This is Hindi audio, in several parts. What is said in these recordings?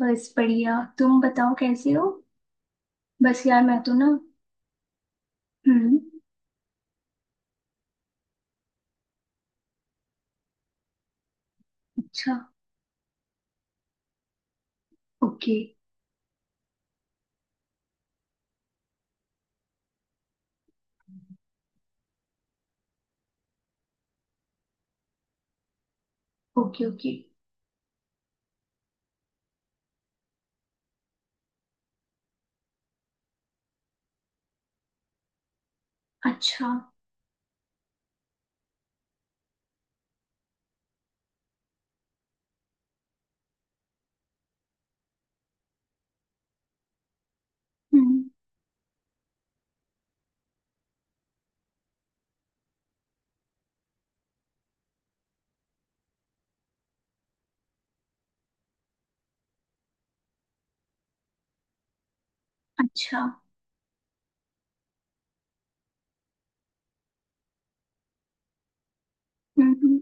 बस बढ़िया। तुम बताओ कैसे हो? बस यार, मैं तो ना। हम्म। अच्छा। Okay, okay, okay. अच्छा। हम्म। अच्छा। हम्म, हम्म।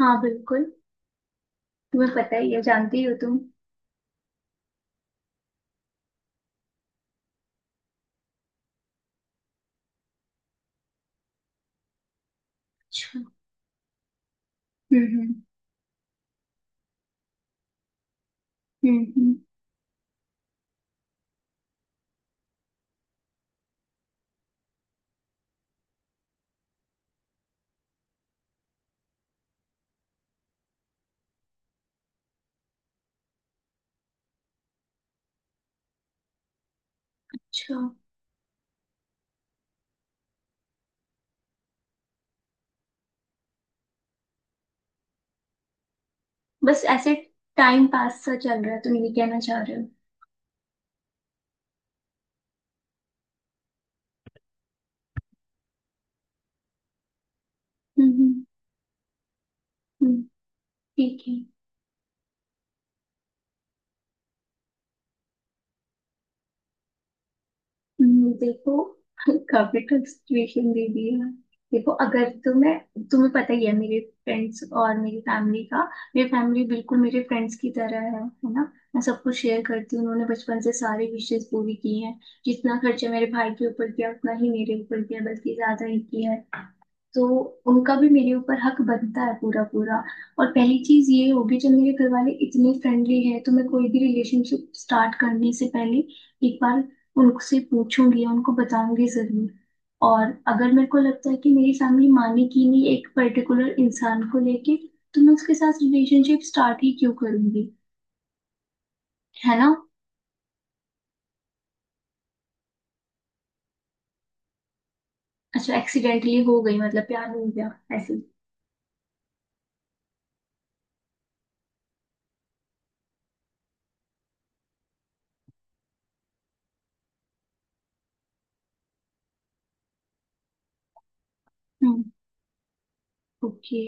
हाँ, बिल्कुल। तुम्हें पता ही है, जानती हो तुम। अच्छा। हम्म, हम्म। हम्म, हम्म। अच्छा। बस ऐसे टाइम पास सा चल रहा है, तुम ये कहना चाह रहे हो? हम्म, हम्म। हम्म। ठीक है। देखो, काफी टफ सिचुएशन दे दी है। देखो, अगर तुम्हें तुम्हें पता ही है मेरे फ्रेंड्स और मेरी फैमिली का। मेरी फैमिली बिल्कुल मेरे फ्रेंड्स की तरह है ना? मैं सब कुछ शेयर करती हूँ। उन्होंने बचपन से सारी विशेष पूरी की हैं। जितना खर्चा मेरे भाई के ऊपर किया उतना ही मेरे ऊपर किया, बल्कि ज्यादा ही किया है। तो उनका भी मेरे ऊपर हक बनता है, पूरा पूरा। और पहली चीज ये होगी, जब मेरे घर वाले इतने फ्रेंडली हैं, तो मैं कोई भी रिलेशनशिप स्टार्ट करने से पहले एक बार उनसे पूछूंगी, उनको बताऊंगी जरूर। और अगर मेरे को लगता है कि मेरी फैमिली मानेगी नहीं एक पर्टिकुलर इंसान को लेके, तो मैं उसके साथ रिलेशनशिप स्टार्ट ही क्यों करूंगी? है ना? अच्छा, एक्सीडेंटली हो गई, मतलब प्यार हो गया। ऐसे। हम्म। ओके।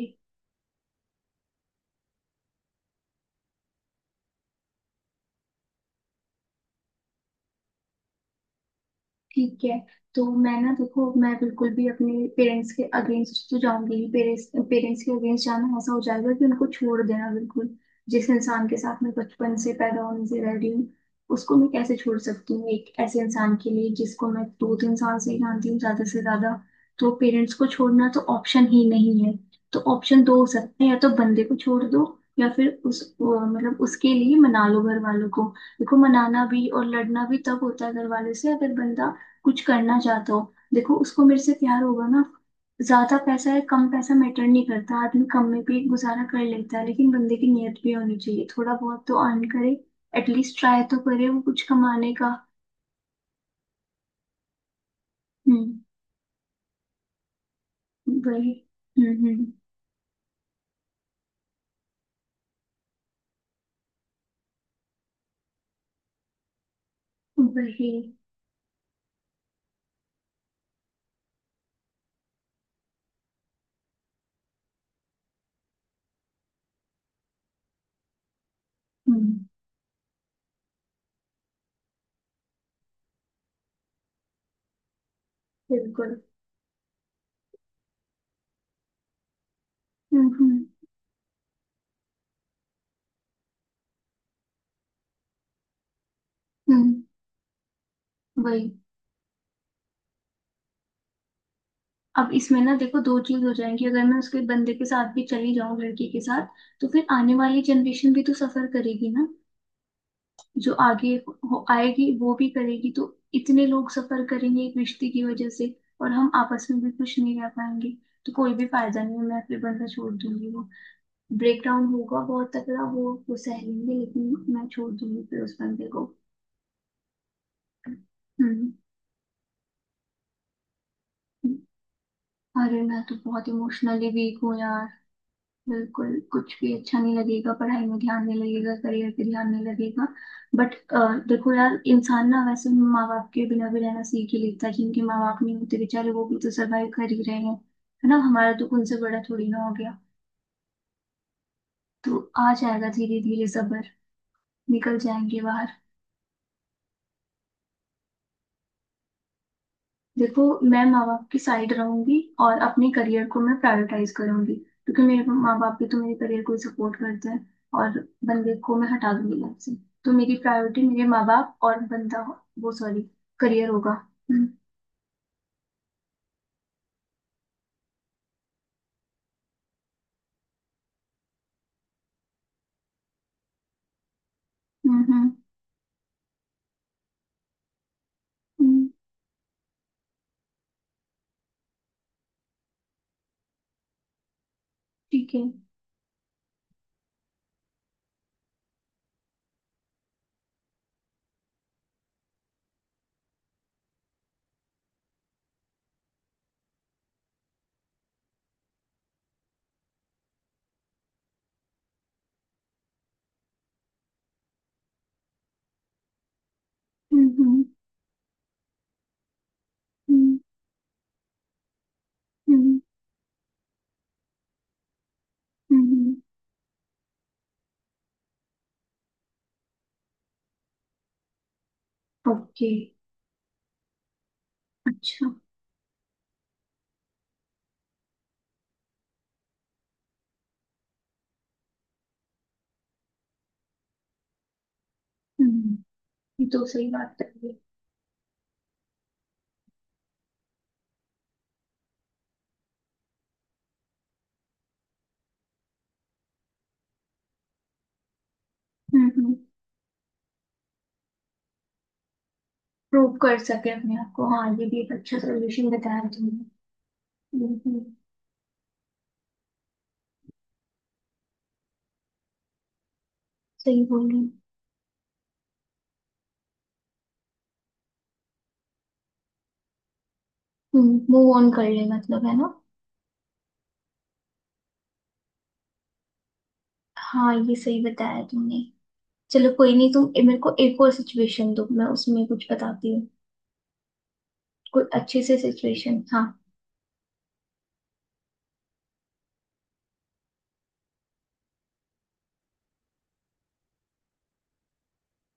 ठीक है। तो मैं ना, देखो, मैं बिल्कुल भी अपने पेरेंट्स के अगेंस्ट तो जाऊंगी ही। पेरेंट्स पेरेंट्स के अगेंस्ट जाना ऐसा हो जाएगा कि उनको छोड़ देना, बिल्कुल। जिस इंसान के साथ मैं बचपन से, पैदा होने से रह रही हूँ, उसको मैं कैसे छोड़ सकती हूँ एक ऐसे इंसान के लिए जिसको मैं 2-3 साल से ही जानती हूँ, ज्यादा से ज्यादा। तो पेरेंट्स को छोड़ना तो ऑप्शन ही नहीं है। तो ऑप्शन दो हो सकते हैं, या तो बंदे को छोड़ दो। या फिर मतलब उसके लिए मना लो घर वालों को। देखो, मनाना भी और लड़ना भी तब होता है घर वालों से अगर बंदा कुछ करना चाहता हो। देखो, उसको मेरे से प्यार होगा ना। ज्यादा पैसा है कम पैसा मैटर नहीं करता, आदमी कम में भी गुजारा कर लेता है, लेकिन बंदे की नियत भी होनी चाहिए, थोड़ा बहुत तो अर्न करे। एटलीस्ट ट्राई तो करे वो कुछ कमाने का। हम्म। वही। हम्म, हम्म। वही। हम्म। बिल्कुल। हम्म, हम्म। हम्म। वही। अब इसमें ना, देखो, दो चीज हो जाएंगी, अगर मैं उसके बंदे के साथ भी चली जाऊं, लड़की के साथ। तो फिर आने वाली जनरेशन भी तो सफर करेगी ना। जो आगे हो आएगी वो भी करेगी तो। इतने लोग सफर करेंगे एक रिश्ते की वजह से। और हम आपस में भी खुश नहीं रह पाएंगे। तो कोई भी फायदा नहीं है, मैं फिर बंदा छोड़ दूंगी, वो। ब्रेकडाउन होगा बहुत तगड़ा, वो। वो सह लेंगे, लेकिन मैं छोड़ दूंगी फिर उस बंदे को। हम्म। हम्म। अरे, मैं तो बहुत इमोशनली वीक हूँ यार। बिल्कुल कुछ भी अच्छा नहीं लगेगा, पढ़ाई में ध्यान नहीं लगेगा, करियर पे ध्यान नहीं लगेगा। बट देखो यार, इंसान ना वैसे माँ बाप के बिना भी रहना सीख ही लेता है, जिनके माँ बाप नहीं होते बेचारे, वो भी तो सरवाइव कर ही रहे हैं। है ना, हमारा तो उनसे बड़ा थोड़ी ना हो गया। तो आ जाएगा धीरे धीरे सब्र। निकल जाएंगे बाहर। देखो, मैं माँ बाप की साइड रहूंगी और अपने करियर को मैं प्रायोरिटाइज करूंगी, क्योंकि मेरे माँ बाप भी तो मेरे करियर को सपोर्ट करते हैं। और बंदे को मैं हटा दूंगी लाइफ से। तो मेरी प्रायोरिटी मेरे माँ बाप और बंदा हो- वो सॉरी करियर होगा। हम्म, हम्म, हम्म। ठीक है। हम्म, हम्म, हम्म, हम्म, हम्म। ओके। अच्छा। हम्म। ये तो सही बात है ये। हम्म, हम्म। प्रूव कर सके अपने आप को। हाँ, ये भी एक अच्छा सोल्यूशन बताया तुमने। हम्म, हम्म। सही बोल रही। मूव ऑन कर ले मतलब, है ना? हाँ, ये सही बताया तुमने। चलो कोई नहीं, तुम मेरे को एक और सिचुएशन दो, मैं उसमें कुछ बताती हूँ। कोई अच्छे से सिचुएशन, हाँ।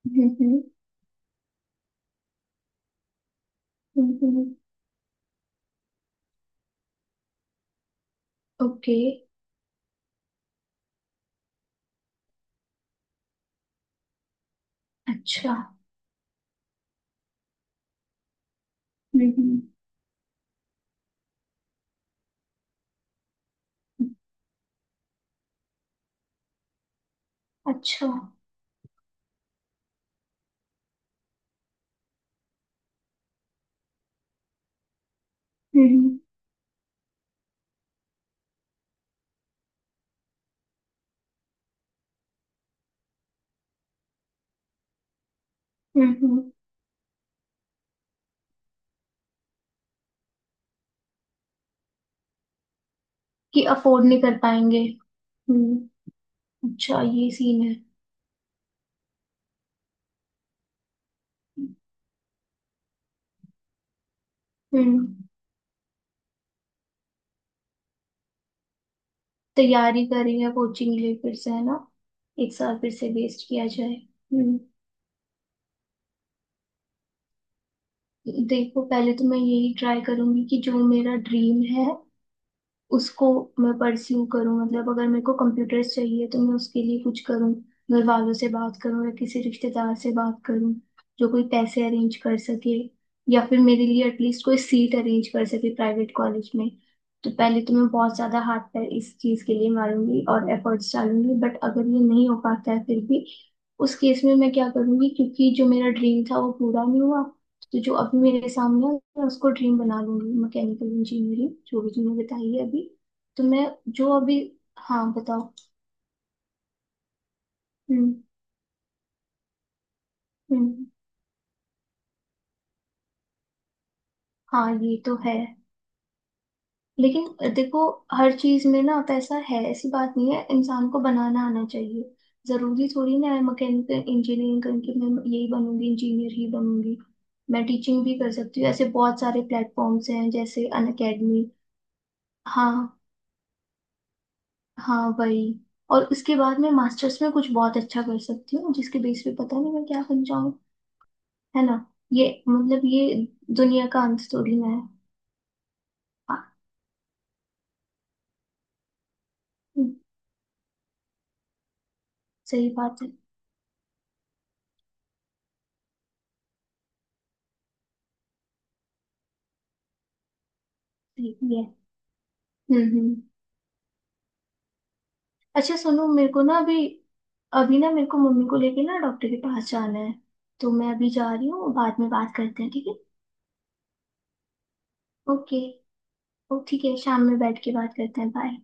हम्म, हम्म, हम्म। ओके। अच्छा। हम्म। अच्छा। हम्म, हम्म। कि अफोर्ड नहीं कर पाएंगे। हम्म। अच्छा, ये सीन है। हम्म। तैयारी कर रही है, कोचिंग लिए फिर से, है ना? 1 साल फिर से वेस्ट किया जाए। हम्म। देखो, पहले तो मैं यही ट्राई करूंगी कि जो मेरा ड्रीम है, उसको मैं परस्यू करूं। मतलब अगर मेरे को कंप्यूटर्स चाहिए तो मैं उसके लिए कुछ करूं, घर वालों से बात करूं या किसी रिश्तेदार से बात करूं। जो कोई पैसे अरेंज कर सके। या फिर मेरे लिए एटलीस्ट कोई सीट अरेंज कर सके प्राइवेट कॉलेज में। तो पहले तो मैं बहुत ज्यादा हाथ पैर इस चीज के लिए मारूंगी और एफर्ट्स डालूंगी, बट अगर ये नहीं हो पाता है फिर भी। उस केस में मैं क्या करूंगी, क्योंकि जो मेरा ड्रीम था वो पूरा नहीं हुआ। तो जो अभी मेरे सामने है, मैं उसको ड्रीम बना लूंगी, मैकेनिकल इंजीनियरिंग, जो भी तुमने बताई है अभी। तो मैं जो अभी हाँ, बताओ। हम्म, हम्म। हाँ, ये तो है, लेकिन देखो। हर चीज में ना पैसा है, ऐसी बात नहीं है, इंसान को बनाना आना चाहिए। जरूरी थोड़ी ना है मैकेनिकल इंजीनियरिंग करके मैं यही बनूंगी, इंजीनियर ही बनूंगी। मैं टीचिंग भी कर सकती हूँ, ऐसे बहुत सारे प्लेटफॉर्म्स हैं जैसे अनअकैडमी। हाँ, हाँ, वही। और उसके बाद मैं मास्टर्स में कुछ बहुत अच्छा कर सकती हूँ, जिसके बेस पे पता नहीं मैं क्या बन जाऊँ। है ना? ये मतलब ये। दुनिया का अंत थोड़ी ना है। हाँ, हम्म, सही बात है। सही भी है। हम्म, हम्म। अच्छा, सुनो, मेरे को ना अभी। अभी ना मेरे को मम्मी को लेके ना डॉक्टर के पास जाना है। तो मैं अभी जा रही हूँ, बाद में बात करते हैं, ठीक है। ओके। ओ, ठीक है, शाम में बैठ के बात करते हैं, बाय।